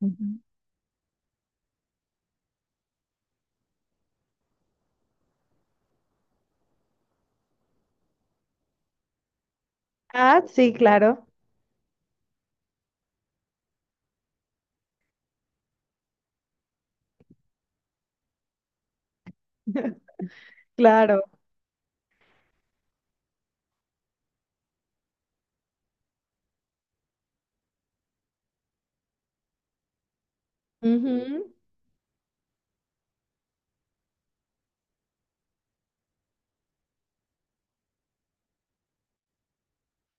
Ujú. Ah, sí, claro, claro. Ujú.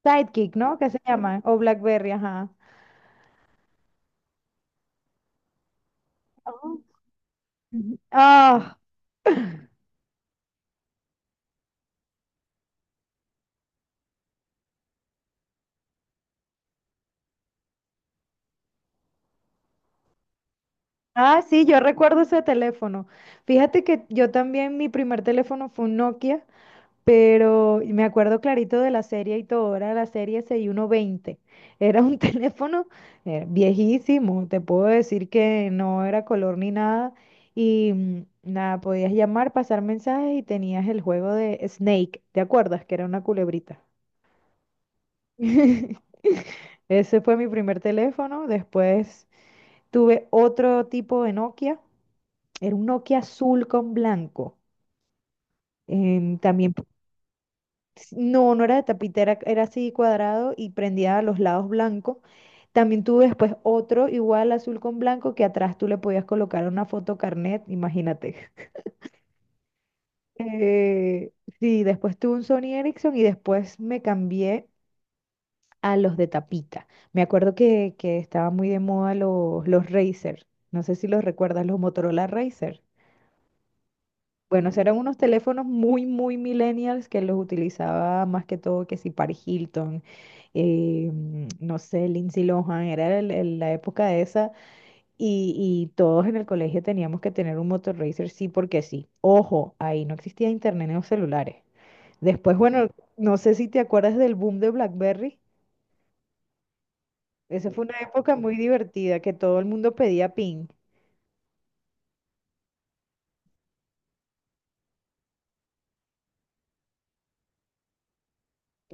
Sidekick, ¿no? ¿Qué se llama? O BlackBerry, ajá. Oh. Ujú. Ah, sí, yo recuerdo ese teléfono. Fíjate que yo también, mi primer teléfono fue un Nokia. Pero me acuerdo clarito de la serie y todo, era la serie 6120. Era un teléfono viejísimo, te puedo decir que no era color ni nada. Y nada, podías llamar, pasar mensajes y tenías el juego de Snake, ¿te acuerdas? Que era una culebrita. Ese fue mi primer teléfono. Después tuve otro tipo de Nokia. Era un Nokia azul con blanco. También. No, no era de tapita, era, era así cuadrado y prendía a los lados blanco. También tuve después otro igual azul con blanco que atrás tú le podías colocar una foto carnet, imagínate. Eh, sí, después tuve un Sony Ericsson y después me cambié a los de tapita. Me acuerdo que estaban muy de moda los Razer. No sé si los recuerdas, los Motorola Razer. Bueno, eran unos teléfonos muy, muy millennials que los utilizaba más que todo que si Paris Hilton, no sé, Lindsay Lohan, era la época de esa. Y todos en el colegio teníamos que tener un motor racer, sí, porque sí. Ojo, ahí no existía internet en los celulares. Después, bueno, no sé si te acuerdas del boom de BlackBerry. Esa fue una época muy divertida que todo el mundo pedía ping.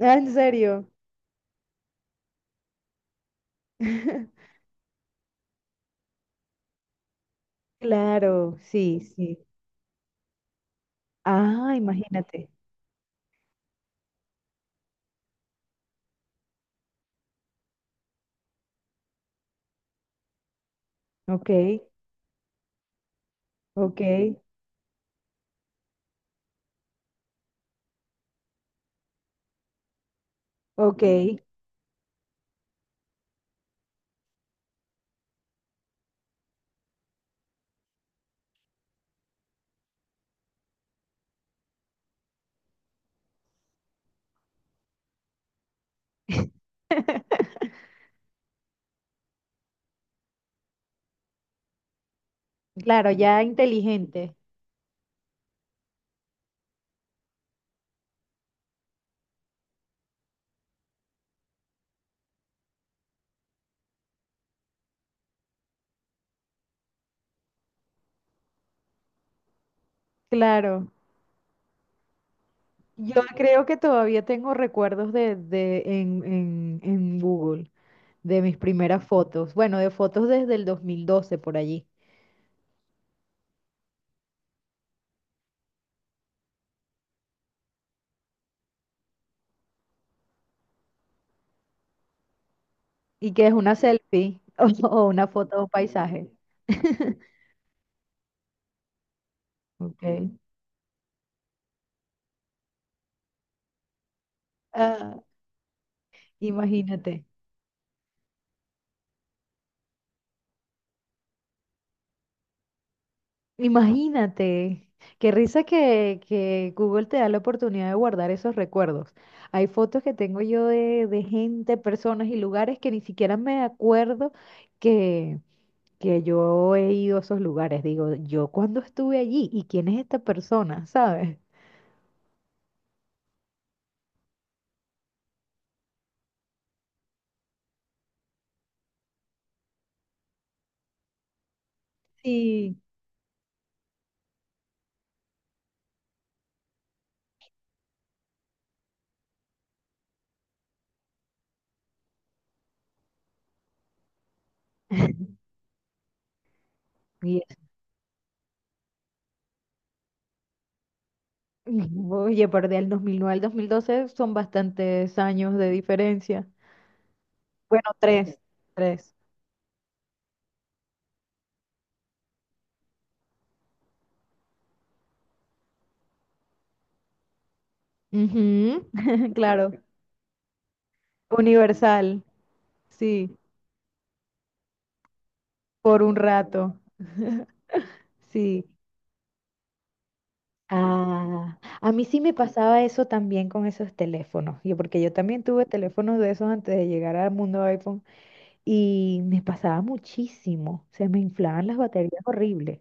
Ah, ¿en serio? Claro, sí, sí. Ah, imagínate. Ok, ok, ok. Claro, ya inteligente. Claro. Yo creo que todavía tengo recuerdos de en Google de mis primeras fotos. Bueno, de fotos desde el 2012 por allí. Y que es una selfie o una foto de un paisaje. Ok. Ah, imagínate. Imagínate, qué risa que Google te da la oportunidad de guardar esos recuerdos. Hay fotos que tengo yo de gente, personas y lugares que ni siquiera me acuerdo que, que yo he ido a esos lugares. Digo, yo cuándo estuve allí y quién es esta persona, ¿sabes? Sí, Y es- oye, pero del 2009 al 2012, son bastantes años de diferencia. Bueno, tres, tres. Ujú. Claro, universal. Sí, por un rato, sí. Ah, a mí sí me pasaba eso también con esos teléfonos, yo, porque yo también tuve teléfonos de esos antes de llegar al mundo iPhone y me pasaba muchísimo, se me inflaban las baterías horribles.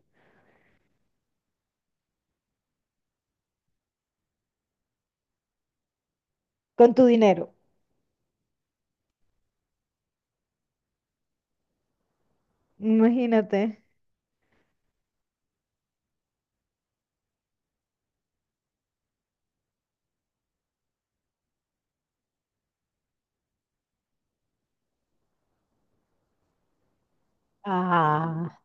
Con tu dinero. Imagínate. Ah,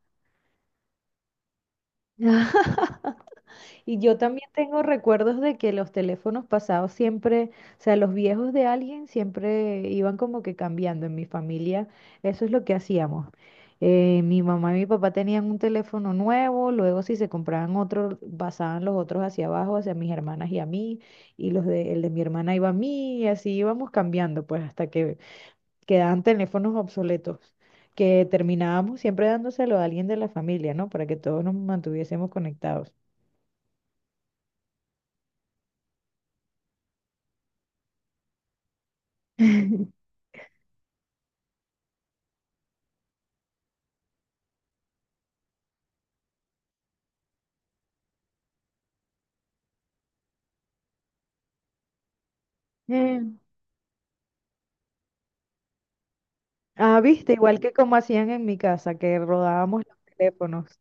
y yo también tengo recuerdos de que los teléfonos pasados siempre, o sea, los viejos de alguien siempre iban como que cambiando. En mi familia, eso es lo que hacíamos. Mi mamá y mi papá tenían un teléfono nuevo, luego si se compraban otro, pasaban los otros hacia abajo, hacia mis hermanas y a mí, y el de mi hermana iba a mí, y así íbamos cambiando, pues hasta que quedaban teléfonos obsoletos, que terminábamos siempre dándoselo a alguien de la familia, ¿no? Para que todos nos mantuviésemos conectados. Eh, Ah, viste, igual que como hacían en mi casa, que rodábamos los teléfonos.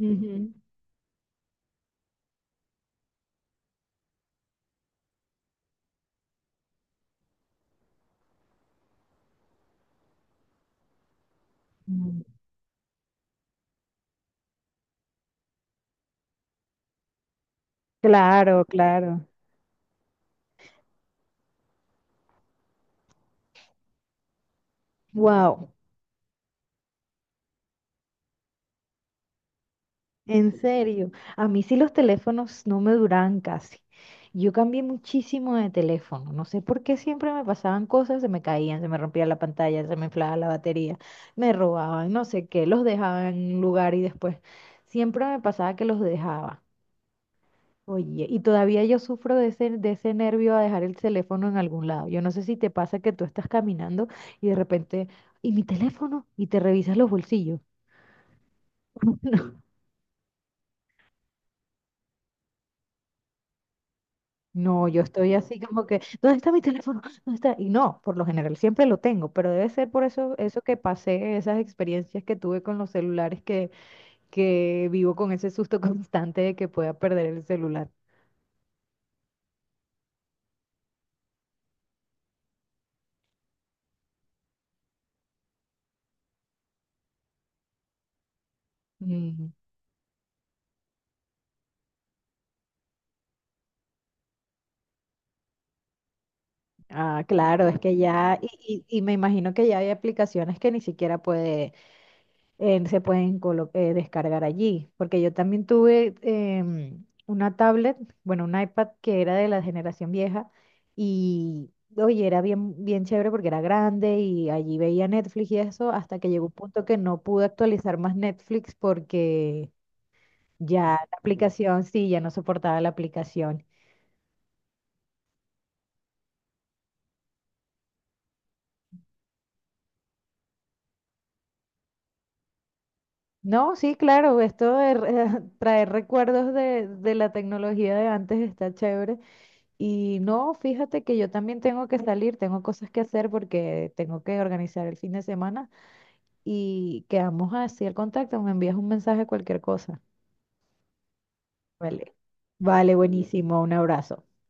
Ujú. Mm. Claro, claro. Wow, en serio. A mí sí los teléfonos no me duraban casi. Yo cambié muchísimo de teléfono. No sé por qué siempre me pasaban cosas, se me caían, se me rompía la pantalla, se me inflaba la batería, me robaban, no sé qué, los dejaban en un lugar y después siempre me pasaba que los dejaba. Oye, y todavía yo sufro de ese nervio a dejar el teléfono en algún lado. Yo no sé si te pasa que tú estás caminando y de repente, ¿y mi teléfono? Y te revisas los bolsillos. No, no, yo estoy así como que, ¿dónde está mi teléfono? ¿Dónde está? Y no, por lo general siempre lo tengo, pero debe ser por eso, eso que pasé, esas experiencias que tuve con los celulares, que, vivo con ese susto constante de que pueda perder el celular. Mm, Ah, claro, es que ya, y me imagino que ya hay aplicaciones que ni siquiera puede se pueden descargar allí, porque yo también tuve una tablet, bueno, un iPad que era de la generación vieja y, oye, era bien, bien chévere porque era grande y allí veía Netflix y eso, hasta que llegó un punto que no pude actualizar más Netflix porque ya la aplicación, sí, ya no soportaba la aplicación. No, sí, claro, esto de traer recuerdos de la tecnología de antes está chévere. Y no, fíjate que yo también tengo que salir, tengo cosas que hacer porque tengo que organizar el fin de semana y quedamos así al contacto, me envías un mensaje, cualquier cosa. Vale. Vale, buenísimo, un abrazo.